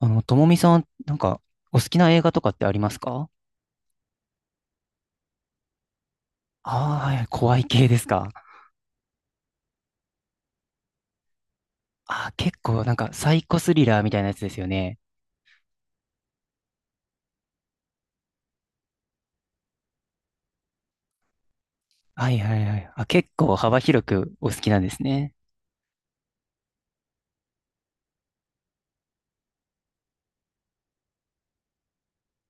ともみさん、お好きな映画とかってありますか。ああー、はい、怖い系ですか。ああー、結構、サイコスリラーみたいなやつですよね。はいはいはい。あ、結構幅広くお好きなんですね。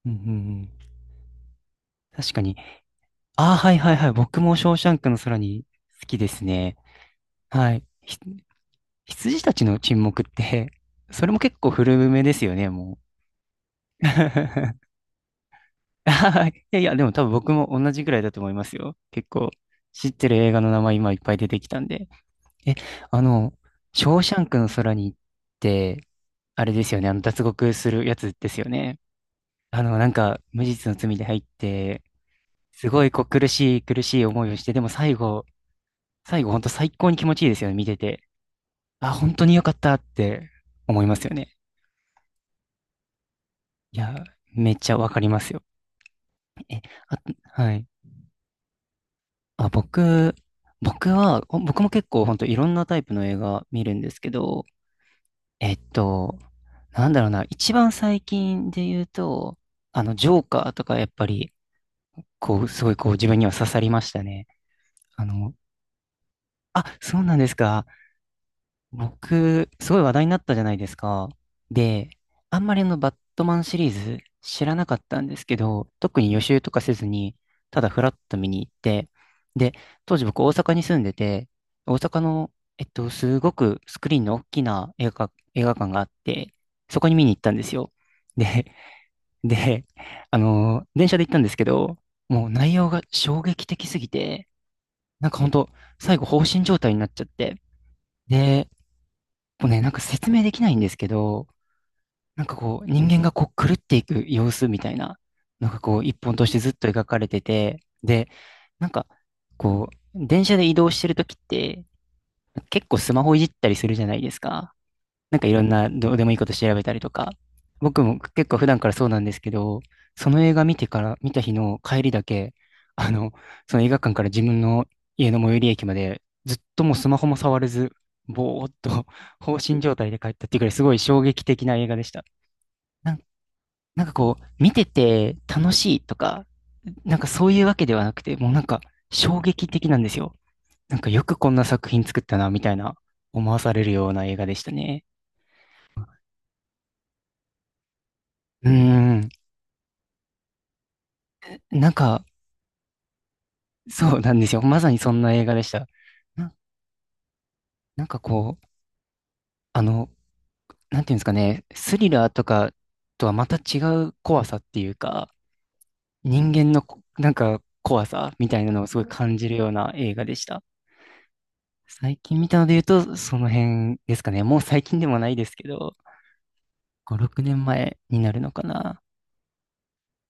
うんうんうん。確かに。ああ、はいはいはい。僕もショーシャンクの空に好きですね。はい。羊たちの沈黙って、それも結構古めですよね、もう。はい、いやいや、でも多分僕も同じぐらいだと思いますよ。結構、知ってる映画の名前今いっぱい出てきたんで。え、あの、ショーシャンクの空に行って、あれですよね、脱獄するやつですよね。無実の罪で入って、すごいこう苦しい思いをして、でも最後、最後本当最高に気持ちいいですよね、見てて。あ、本当に良かったって思いますよね。いや、めっちゃわかりますよ。え、あ、はい。あ、僕、僕は、僕も結構本当いろんなタイプの映画見るんですけど、えっと、なんだろうな、一番最近で言うと、ジョーカーとかやっぱり、こう、すごいこう自分には刺さりましたね。あの、あ、そうなんですか。僕、すごい話題になったじゃないですか。で、あんまりあのバットマンシリーズ知らなかったんですけど、特に予習とかせずに、ただフラッと見に行って、で、当時僕大阪に住んでて、大阪の、すごくスクリーンの大きな映画館があって、そこに見に行ったんですよ。で、で、あのー電車で行ったんですけど、もう内容が衝撃的すぎて、なんかほんと、最後放心状態になっちゃって、で、もうね、なんか説明できないんですけど、なんかこう、人間がこう狂っていく様子みたいななんかこう、一本としてずっと描かれてて、で、なんか、こう、電車で移動してるときって、結構スマホいじったりするじゃないですか。なんかいろんなどうでもいいこと調べたりとか、僕も結構普段からそうなんですけど、その映画見てから、見た日の帰りだけ、あの、その映画館から自分の家の最寄り駅まで、ずっともうスマホも触れず、ぼーっと 放心状態で帰ったっていうくらいすごい衝撃的な映画でした。なん、なんかこう、見てて楽しいとか、なんかそういうわけではなくて、もうなんか衝撃的なんですよ。なんかよくこんな作品作ったな、みたいな思わされるような映画でしたね。うーん。なんか、そうなんですよ。まさにそんな映画でした。な、なんかこう、あの、なんていうんですかね、スリラーとかとはまた違う怖さっていうか、人間のなんか怖さみたいなのをすごい感じるような映画でした。最近見たので言うと、その辺ですかね。もう最近でもないですけど、5、6年前になるのかな。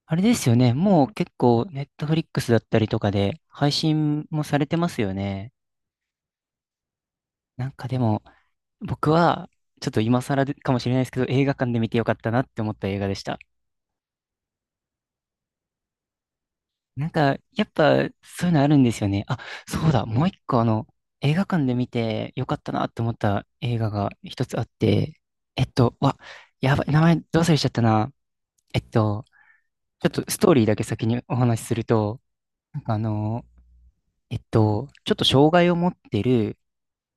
あれですよね。もう結構、ネットフリックスだったりとかで配信もされてますよね。なんかでも、僕は、ちょっと今更でかもしれないですけど、映画館で見てよかったなって思った映画でした。なんか、やっぱ、そういうのあるんですよね。あ、そうだ、もう一個映画館で見てよかったなって思った映画が一つあって、えっと、わ、やばい、名前どう忘れしちゃったな。えっと、ちょっとストーリーだけ先にお話しすると、なんかあの、ちょっと障害を持ってる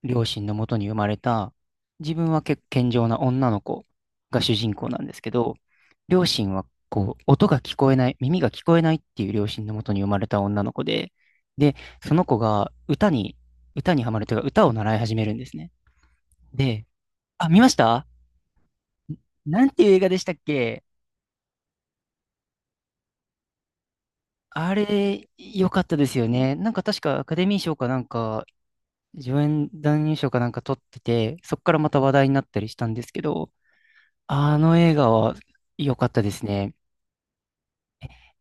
両親のもとに生まれた、自分は結構健常な女の子が主人公なんですけど、両親はこう、音が聞こえない、耳が聞こえないっていう両親のもとに生まれた女の子で、で、その子が歌にハマるというか、歌を習い始めるんですね。で、あ、見ました。なんていう映画でしたっけ。あれ、良かったですよね。なんか確かアカデミー賞かなんか、助演男優賞かなんか取ってて、そこからまた話題になったりしたんですけど、あの映画は良かったですね。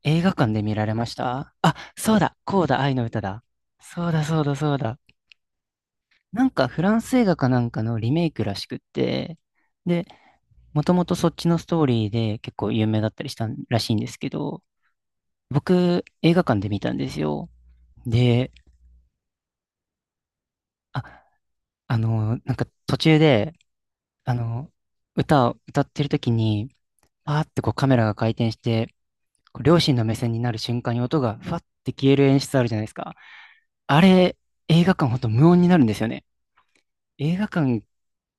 映画館で見られました。あ、そうだ、こうだ、愛の歌だ。そうだ、そうだ、そうだ。なんかフランス映画かなんかのリメイクらしくって、で、もともとそっちのストーリーで結構有名だったりしたらしいんですけど、僕、映画館で見たんですよ。で、あ、なんか途中で、あの、歌を歌ってる時に、パーってこうカメラが回転して、こう両親の目線になる瞬間に音がふわって消える演出あるじゃないですか。あれ、映画館ほんと無音になるんですよね。映画館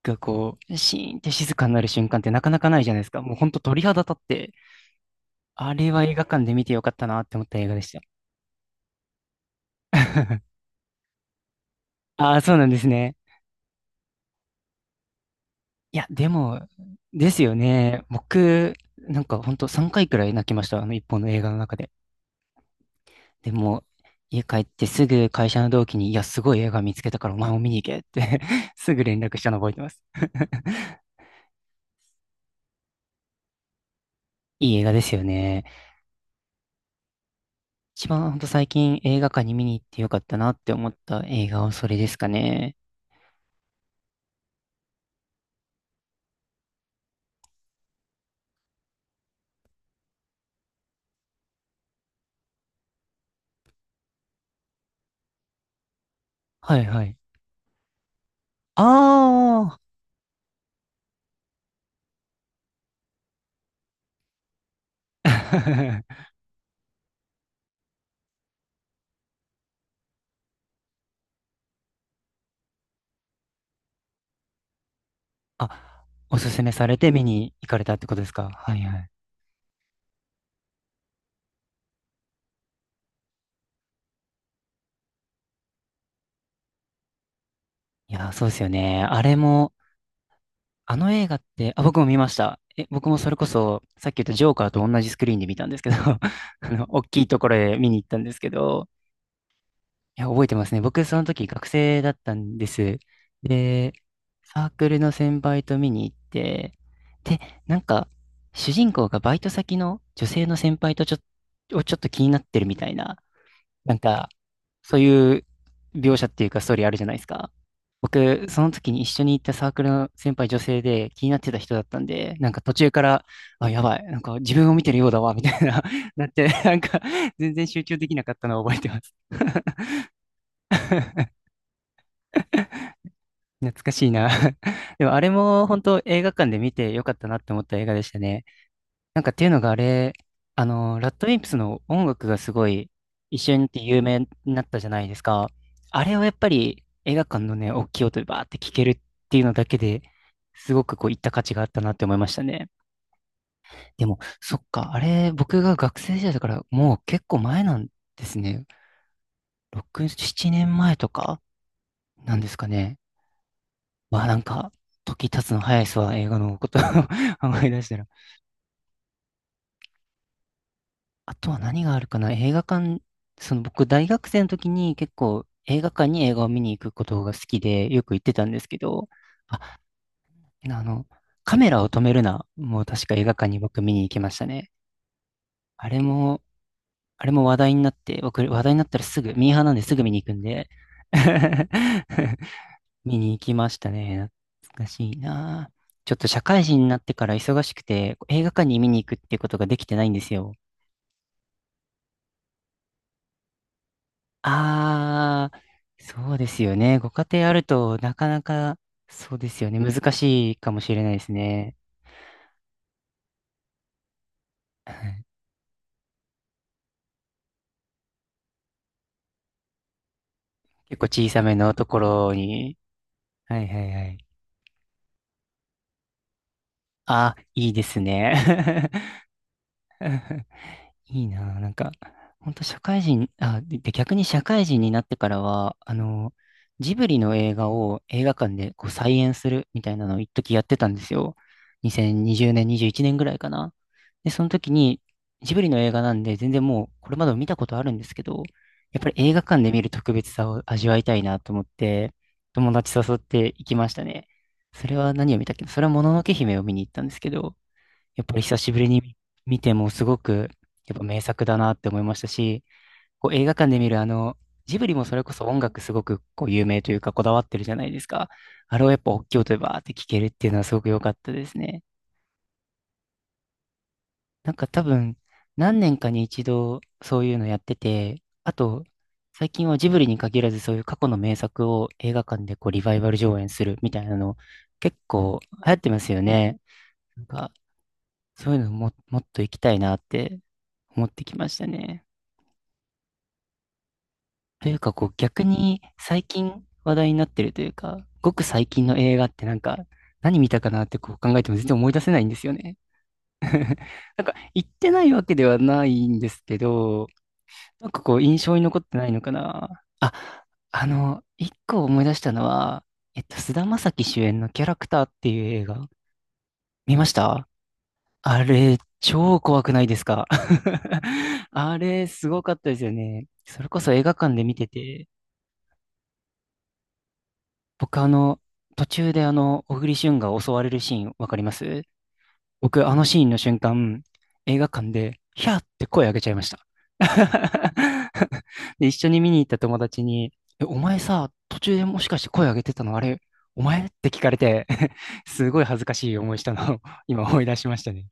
がこう、シーンって静かになる瞬間ってなかなかないじゃないですか。もうほんと鳥肌立って、あれは映画館で見てよかったなって思った映画でした。ああ、そうなんですね。いや、でも、ですよね。僕、なんかほんと3回くらい泣きました。あの一本の映画の中で。でも、家帰ってすぐ会社の同期に、いや、すごい映画見つけたからお前も見に行けって すぐ連絡したの覚えてます。いい映画ですよね。一番ほんと最近映画館に見に行ってよかったなって思った映画はそれですかね。はいはい。ああ。あ、おすすめされて見に行かれたってことですか。はいはい。いやー、そうですよね。あれも、あの映画って、あ、僕も見ました。え、僕もそれこそ、さっき言ったジョーカーと同じスクリーンで見たんですけど、大きいところで見に行ったんですけど、いや、覚えてますね。僕、その時学生だったんです。で、サークルの先輩と見に行って、で、なんか、主人公がバイト先の女性の先輩とちょっと気になってるみたいな、なんか、そういう描写っていうかストーリーあるじゃないですか。僕、その時に一緒に行ったサークルの先輩女性で気になってた人だったんで、なんか途中から、あ、やばい、なんか自分を見てるようだわ、みたいな、なって、なんか、全然集中できなかったのを覚えてます。懐かしいな。 でもあれも本当映画館で見てよかったなって思った映画でしたね。なんかっていうのがあれ、ラッドウィンプスの音楽がすごい一緒にって有名になったじゃないですか。あれをやっぱり映画館のね、大きい音でバーって聴けるっていうのだけですごくこういった価値があったなって思いましたね。でも、そっか、あれ僕が学生時代だからもう結構前なんですね。6、7年前とかなんですかね。まあなんか、時経つの早いっすわ、映画のことを 考え出したら。あとは何があるかな映画館、その僕大学生の時に結構映画館に映画を見に行くことが好きでよく行ってたんですけど、あ、あの、カメラを止めるなもう確か映画館に僕見に行きましたね。あれも、あれも話題になって、僕話題になったらすぐ、ミーハーなんですぐ見に行くんで。見に行きましたね。懐かしいなあ。ちょっと社会人になってから忙しくて、映画館に見に行くってことができてないんですよ。ああ、そうですよね。ご家庭あると、なかなか、そうですよね。難しいかもしれないですね。はい、結構小さめのところに。はいはいはい。あ、いいですね。いいなぁ。なんか、本当社会人、で逆に社会人になってからは、ジブリの映画を映画館でこう再演するみたいなのを一時やってたんですよ。2020年、21年ぐらいかな。で、その時に、ジブリの映画なんで、全然もうこれまでも見たことあるんですけど、やっぱり映画館で見る特別さを味わいたいなと思って、友達誘って行きましたね。それは何を見たっけな、それはもののけ姫を見に行ったんですけど、やっぱり久しぶりに見てもすごくやっぱ名作だなって思いましたし、こう映画館で見るジブリもそれこそ音楽すごくこう有名というかこだわってるじゃないですか。あれをやっぱ大きい音でバーって聴けるっていうのはすごく良かったですね。なんか多分何年かに一度そういうのやってて、あと最近はジブリに限らずそういう過去の名作を映画館でこうリバイバル上演するみたいなの結構流行ってますよね。なんかそういうのも、もっと行きたいなって思ってきましたね。というか、こう逆に最近話題になってるというか、ごく最近の映画ってなんか何見たかなってこう考えても全然思い出せないんですよね。なんか行ってないわけではないんですけど、なんかこう印象に残ってないのかな。一個思い出したのは、菅田将暉主演のキャラクターっていう映画見ました。あれ、超怖くないですか。 あれ、すごかったですよね。それこそ映画館で見てて、僕、途中で小栗旬が襲われるシーン、わかります？僕、あのシーンの瞬間、映画館で、ヒャーって声上げちゃいました。で、一緒に見に行った友達に、え、お前さ、途中でもしかして声上げてたのあれ、お前って聞かれて すごい恥ずかしい思いしたのを今思い出しましたね。